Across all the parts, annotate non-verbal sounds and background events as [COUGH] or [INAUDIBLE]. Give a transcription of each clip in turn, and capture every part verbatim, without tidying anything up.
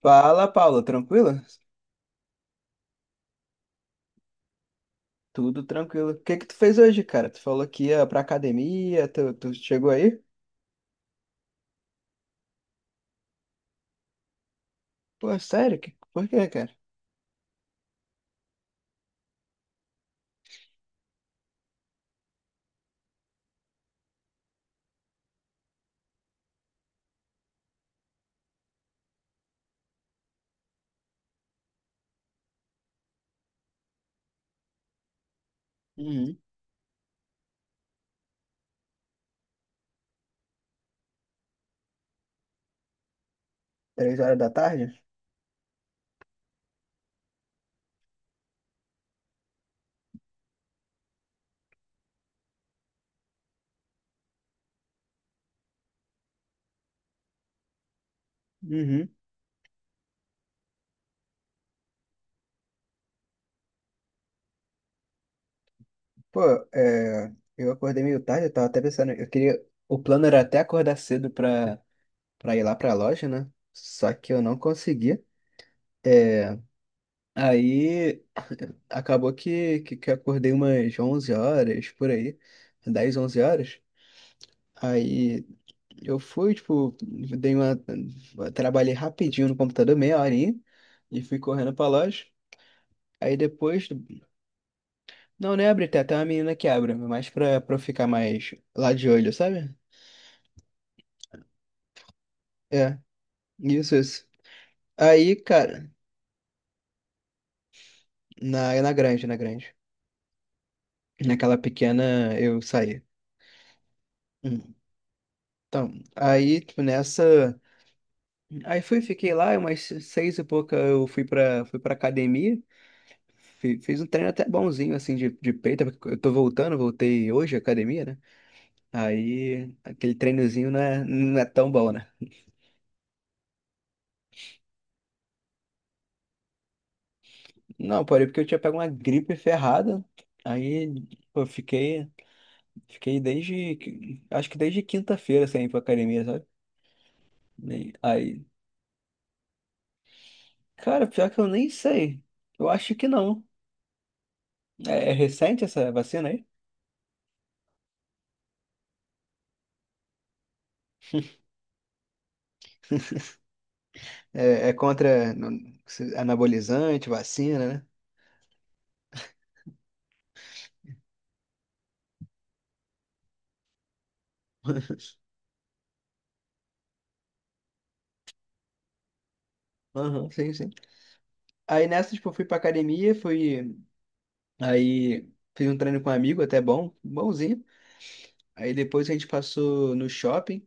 Fala, Paulo, tranquilo? Tudo tranquilo. O que que tu fez hoje, cara? Tu falou que ia pra academia, tu, tu chegou aí? Pô, sério? Que- por quê, cara? Uhum. Três horas da tarde? Uhum. Pô, é, eu acordei meio tarde, eu tava até pensando, eu queria, o plano era até acordar cedo pra, pra ir lá pra loja, né? Só que eu não consegui. É, aí [CLEARS THROAT] acabou que, que, que eu acordei umas onze horas, por aí. Dez, onze horas. Aí Eu fui, tipo, dei uma. Trabalhei rapidinho no computador, meia horinha, e fui correndo pra loja. Aí depois. Não, não é abrir, tem até uma menina que abre, mas pra, pra eu ficar mais lá de olho, sabe? É, isso, isso. Aí, cara, na, na grande, na grande. Naquela pequena eu saí. Hum. Então, aí, tipo, nessa. Aí fui, fiquei lá, umas seis e pouca eu fui pra, fui pra academia. Fe- Fiz um treino até bonzinho, assim, de, de peito, porque eu tô voltando, voltei hoje à academia, né? Aí, aquele treinozinho não é, não é tão bom, né? Não, porém, porque eu tinha pego uma gripe ferrada, aí eu fiquei, fiquei desde, que- acho que desde quinta-feira sem ir pra academia, sabe? Nem- Aí, cara, pior que eu nem sei, eu acho que não. É, é recente essa vacina aí? É, é contra no- anabolizante, vacina, né? [LAUGHS] Aham, sim, sim. Aí nessa, tipo, eu fui pra academia, fui. Aí fiz um treino com um amigo, até bom, bonzinho. Aí depois a gente passou no shopping,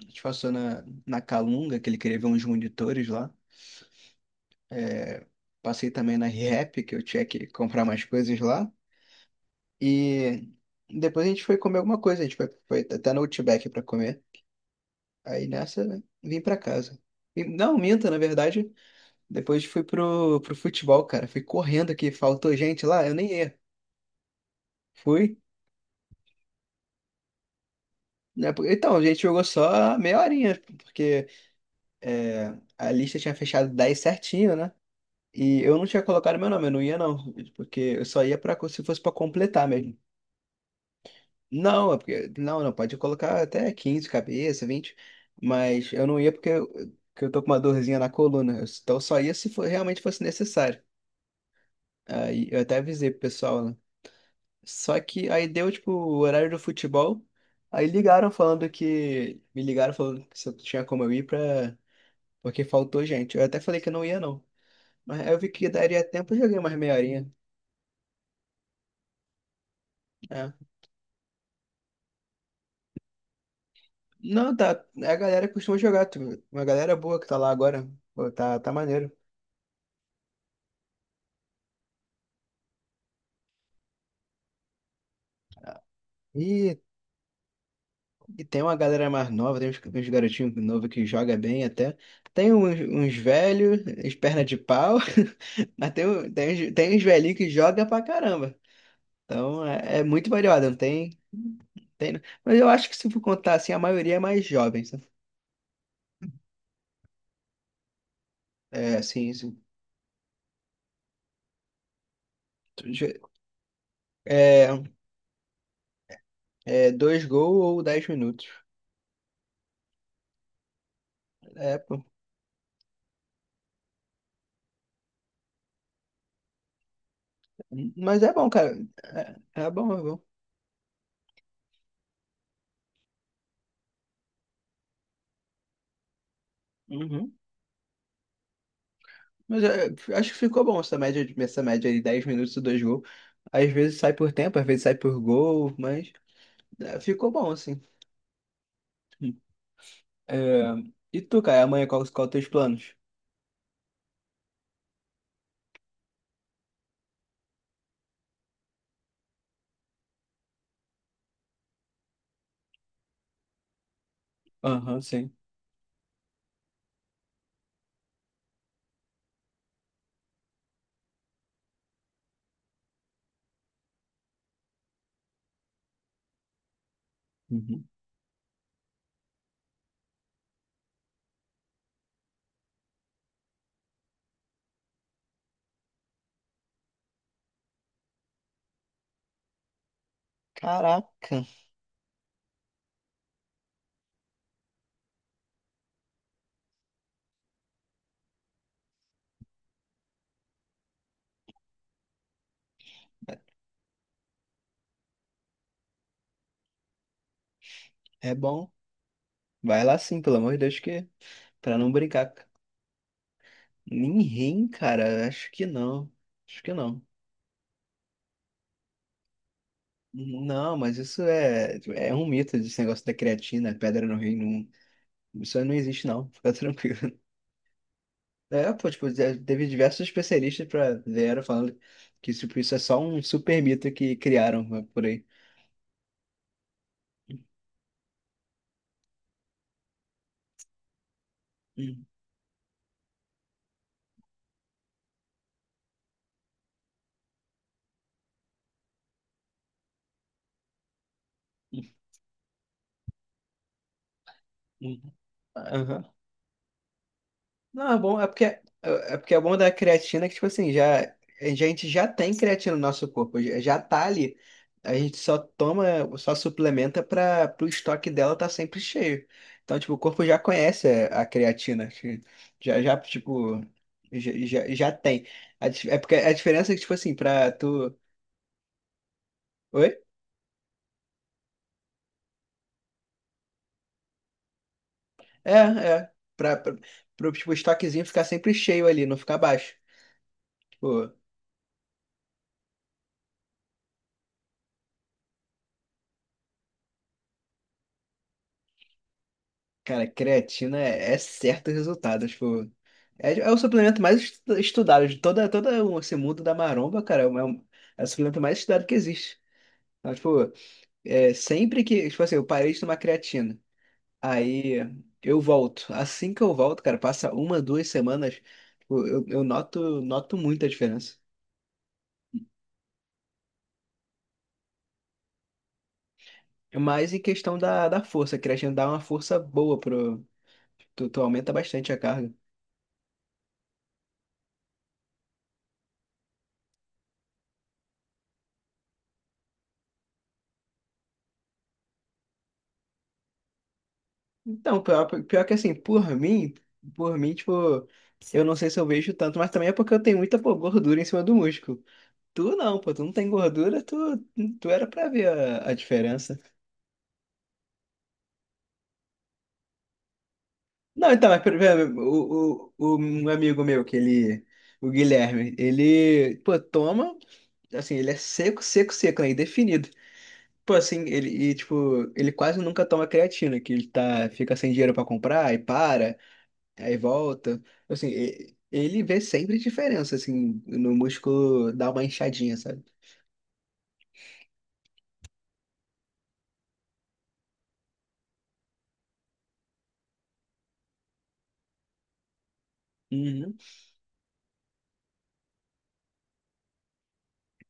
a gente passou na, na Calunga, que ele queria ver uns monitores lá. Passei também na Rehap, que eu tinha que comprar mais coisas lá. E depois a gente foi comer alguma coisa, a gente foi, foi, até no Outback pra comer. Aí nessa, né, vim pra casa. E- Não, minta, na verdade. Depois fui pro, pro futebol, cara. Fui correndo aqui, faltou gente lá, eu nem ia. Fui, né? Porque- Então, a gente jogou só meia horinha, porque é, a lista tinha fechado dez certinho, né? E eu não tinha colocado meu nome, eu não ia não, porque eu só ia pra, se fosse pra completar mesmo. Não, é porque, não, não, pode colocar até quinze cabeça, vinte, mas eu não ia porque eu, porque eu tô com uma dorzinha na coluna, então eu só ia se for, realmente fosse necessário. Aí eu até avisei pro pessoal, né? Só que aí deu, tipo, o horário do futebol, aí ligaram falando que, me ligaram falando que se eu tinha como eu ir pra. Porque faltou gente. Eu até falei que não ia, não. Mas aí eu vi que daria tempo, eu joguei mais meia horinha. É. Não, tá. é a galera costuma jogar. tu- Uma galera boa que tá lá agora. Pô, tá, tá maneiro. E, e tem uma galera mais nova, tem uns, uns garotinhos novos que joga bem até. Tem uns, uns velhos, uns perna de pau. [LAUGHS] Mas tem, um- tem, uns- tem uns velhinhos que joga pra caramba. Então é, é muito variado, não tem, tem. Mas eu acho que se for contar assim, a maioria é mais jovem, sabe? É, assim, assim, tu- é. É, dois gols ou dez minutos. É, pô. Mas é bom, cara. É, é bom, é bom. Uhum. Mas é, acho que ficou bom essa média, de- essa média de dez minutos e dois gols. Às vezes sai por tempo, às vezes sai por gol, mas é, ficou bom, assim. É, e tu, cara, amanhã qual, qual os teus planos? Aham, sim. Uhum. Caraca, é é bom. Vai lá sim, pelo amor de Deus, que pra não brincar. Ninguém, cara, acho que não. Acho que não. Não, mas isso é, é um mito, desse negócio da creatina, pedra no rim, não, isso aí não existe não, fica [LAUGHS] tranquilo. É, pô, tipo, já teve diversos especialistas pra vieram falando que tipo, isso é só um super mito que criaram né, por aí. Uhum. Uhum. Não, é bom, é porque é, é porque é bom da creatina que, tipo assim, já, a gente já tem creatina no nosso corpo, já, já tá ali. A gente só toma, só suplementa para o estoque dela tá sempre cheio. Então, tipo, o corpo já conhece a, a creatina, que já, já, tipo, já, já, já tem. A dif- é porque a diferença é que, tipo assim, pra tu. Oi? É, é. Pra, pra, pro, tipo, estoquezinho ficar sempre cheio ali, não ficar baixo. Tipo. Cara, creatina é, é certo o resultado. Tipo, é, é o suplemento mais estu- estudado de toda, todo esse mundo da maromba, cara. É, o é o- é o suplemento mais estudado que existe. Então, tipo, é, sempre que, tipo assim, eu parei de tomar creatina, aí eu volto. Assim que eu volto, cara, passa uma, duas semanas, tipo, eu, eu noto, noto muita diferença. Mas em questão da, da força, a creatina dá uma força boa pro. Tu, tu aumenta bastante a carga. Então, pior, pior que assim, por mim, por mim, tipo, eu não sei se eu vejo tanto, mas também é porque eu tenho muita, pô, gordura em cima do músculo. Tu não, pô, tu não tem gordura, tu, tu era pra ver a, a, diferença. Não, então, mas por exemplo, o, o, o um amigo meu, que ele, o Guilherme, ele, pô, toma, assim, ele é seco, seco, seco, né, indefinido. Pô, assim, ele, e, tipo, ele quase nunca toma creatina, que ele tá, fica sem dinheiro pra comprar e para. Aí volta. Assim, e- ele vê sempre diferença, assim, no músculo dá uma inchadinha, sabe? Uhum.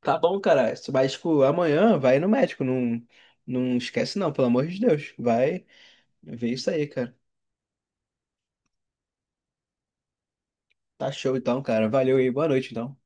Tá bom, cara. Mas, tipo, amanhã vai no médico. Não, não esquece, não, pelo amor de Deus. Vai ver isso aí, cara. Tá show então, cara. Valeu aí. Boa noite, então.